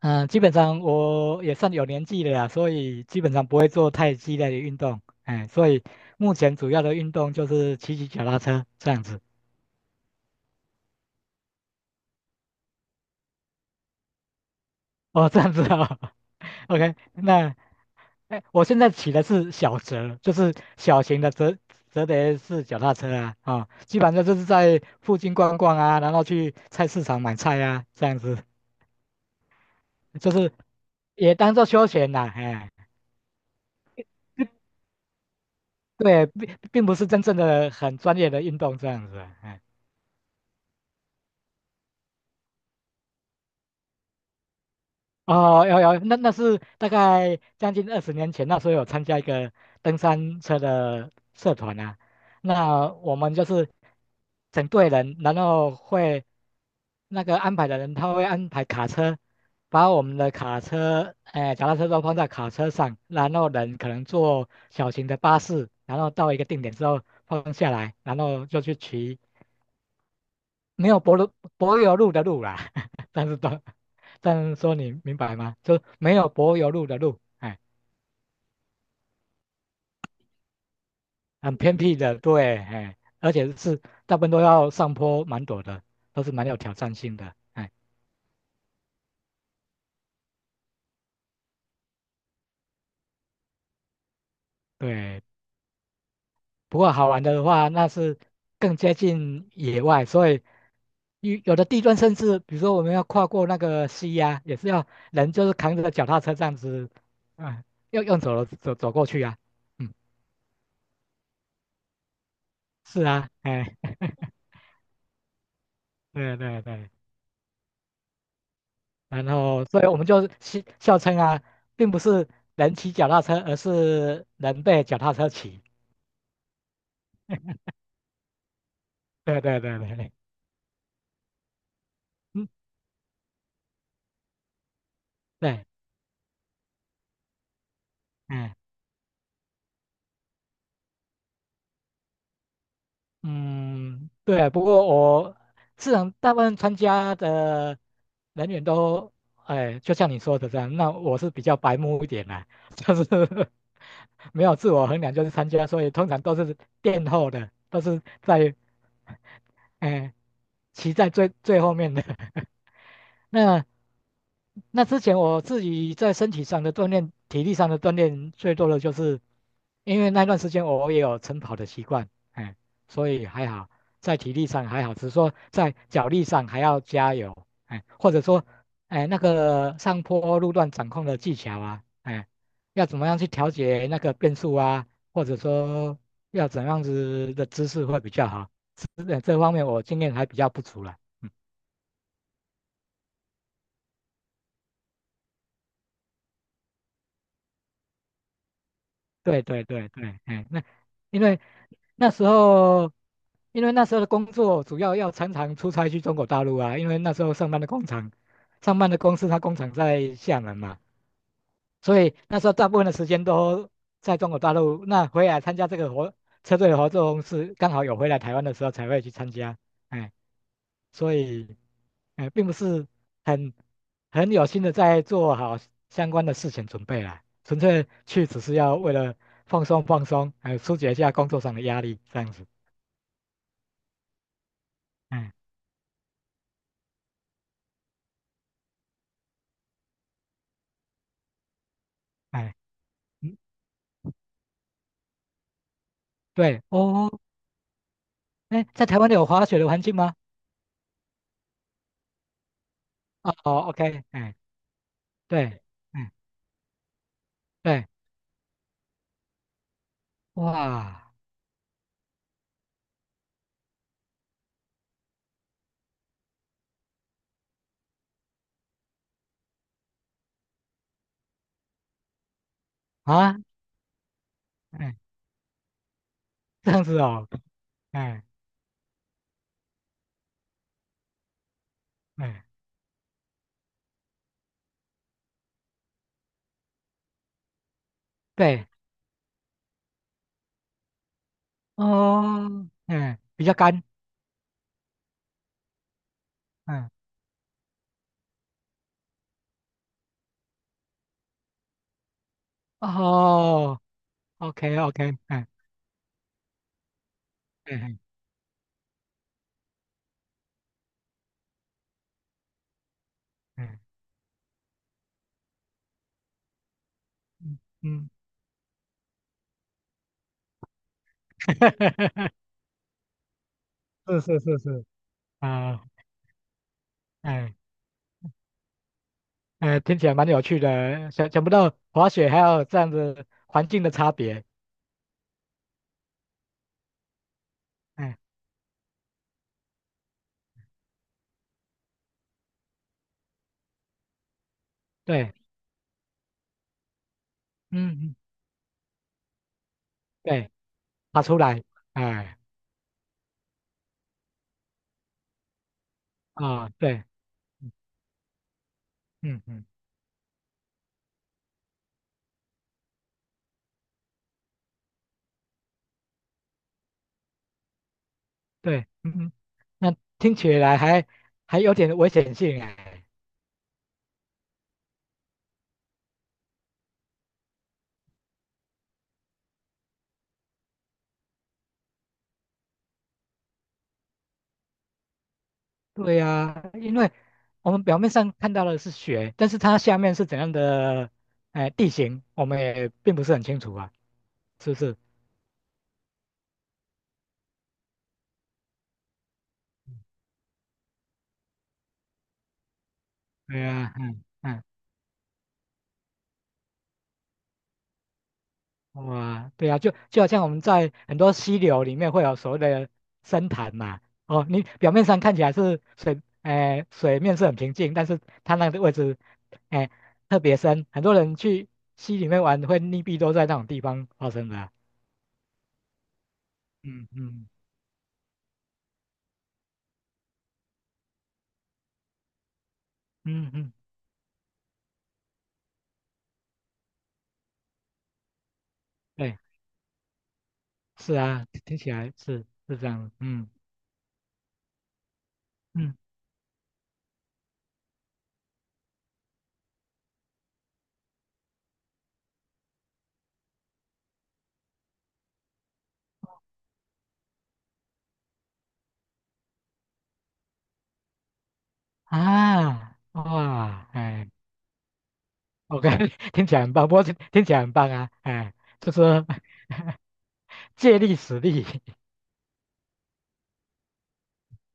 嗯，基本上我也算有年纪了呀，所以基本上不会做太激烈的运动，哎，所以目前主要的运动就是骑骑脚踏车这样子。哦，这样子哦 ，OK，那哎，我现在骑的是小折，就是小型的折叠式脚踏车啊，啊、哦，基本上就是在附近逛逛啊，然后去菜市场买菜啊，这样子，就是也当做休闲啦，哎，对，并不是真正的很专业的运动这样子啊，哎。哦，有有，那是大概将近二十年前，那时候有参加一个登山车的社团啊。那我们就是整队人，然后会那个安排的人，他会安排卡车，把我们的卡车，哎、脚踏车都放在卡车上，然后人可能坐小型的巴士，然后到一个定点之后放下来，然后就去骑没有柏油路的路啦，但是都，但是说你明白吗？就没有柏油路的路，哎，很偏僻的，对，哎，而且是大部分都要上坡蛮陡的，都是蛮有挑战性的，哎，对。不过好玩的话，那是更接近野外，所以有的地段甚至，比如说我们要跨过那个溪呀、也是要人就是扛着脚踏车这样子，啊、要用走了走过去啊，嗯，是啊，哎，对对对。然后，所以我们就戏笑称啊，并不是人骑脚踏车，而是人被脚踏车骑。对对对对对，嗯，对，嗯嗯，对。不过我自然大部分参加的人员都，哎，就像你说的这样，那我是比较白目一点啦、就是没有自我衡量，就是参加，所以通常都是垫后的，都是在，哎，骑在最后面的。那那之前我自己在身体上的锻炼、体力上的锻炼，最多的就是因为那段时间我也有晨跑的习惯，哎，所以还好，在体力上还好，只是说在脚力上还要加油，哎，或者说，哎，那个上坡路段掌控的技巧啊，哎，要怎么样去调节那个变速啊，或者说要怎样子的姿势会比较好，这方面我经验还比较不足了。嗯对对对对，哎，那因为那时候，因为那时候的工作主要要常常出差去中国大陆啊，因为那时候上班的工厂，上班的公司它工厂在厦门嘛，所以那时候大部分的时间都在中国大陆。那回来参加这个活车队的活动是刚好有回来台湾的时候才会去参加。哎，所以，哎，并不是很很有心的在做好相关的事情准备啦，纯粹去只是要为了放松放松，还有疏解一下工作上的压力这样子。哎哎，嗯，对哦，哎，在台湾有滑雪的环境吗？哦哦，OK,哎，对，嗯，对，哇啊。哎 这样子哦，哎哎，对，哦，哎，比较干，嗯，哦，OK OK,嗯嗯嗯嗯嗯，是是是是，啊，哎哎，听起来蛮有趣的，想不到滑雪还有这样子环境的差别，哎，对，嗯嗯，对，爬出来，哎，啊，对，嗯嗯嗯，对，嗯嗯，那听起来还还有点危险性哎，对呀，因为我们表面上看到的是雪，但是它下面是怎样的哎地形，我们也并不是很清楚啊，是不是？对呀，嗯嗯，哇，对呀，就好像我们在很多溪流里面会有所谓的深潭嘛，哦，你表面上看起来是水，哎、水面是很平静，但是它那个位置，哎、特别深，很多人去溪里面玩会溺毙都在那种地方发生的啊嗯嗯嗯嗯，嗯对。是啊，听起来是是这样的，嗯嗯啊，哇，哎，OK,听起来很棒，不过听起来很棒啊，哎，就是借力使力，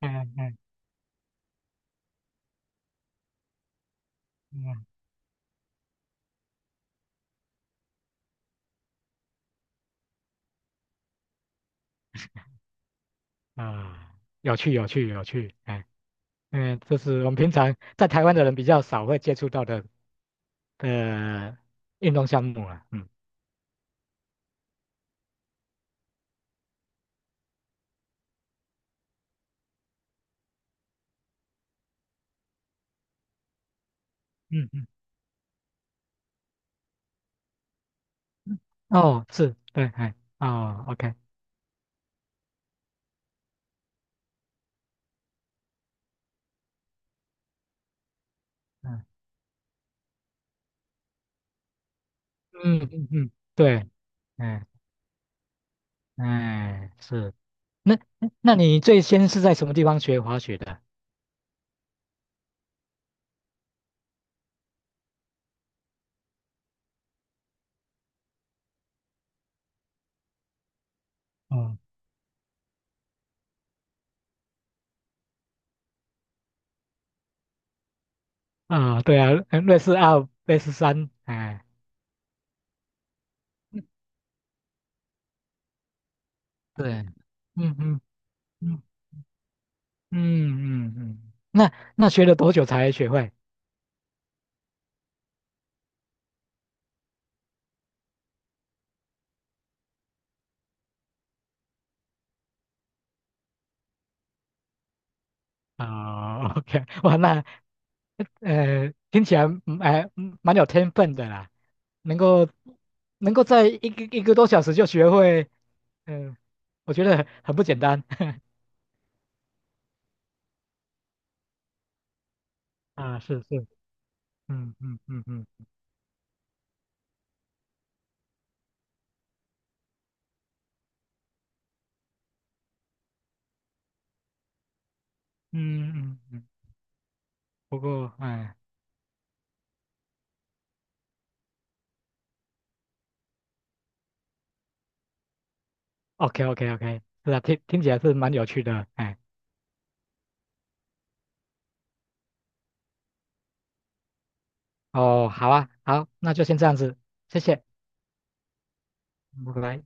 哎哎嗯啊，有趣有趣有趣，哎嗯，这是我们平常在台湾的人比较少会接触到的的运动项目啊，嗯嗯嗯，哦，是对，哎哦，OK,嗯嗯嗯嗯，对，嗯。哎，是。那那你最先是在什么地方学滑雪的？嗯啊，对啊，瑞士二、瑞士三，哎，嗯对，嗯嗯嗯嗯嗯嗯，那那学了多久才学会？啊，OK,哇，那听起来蛮有天分的啦，能够能够在一个多小时就学会，嗯、我觉得很不简单。啊，是是，嗯嗯嗯嗯。嗯嗯嗯，不过哎，OK OK OK,是啊，听起来是蛮有趣的，哎，哦，好啊，好，那就先这样子，谢谢，拜拜。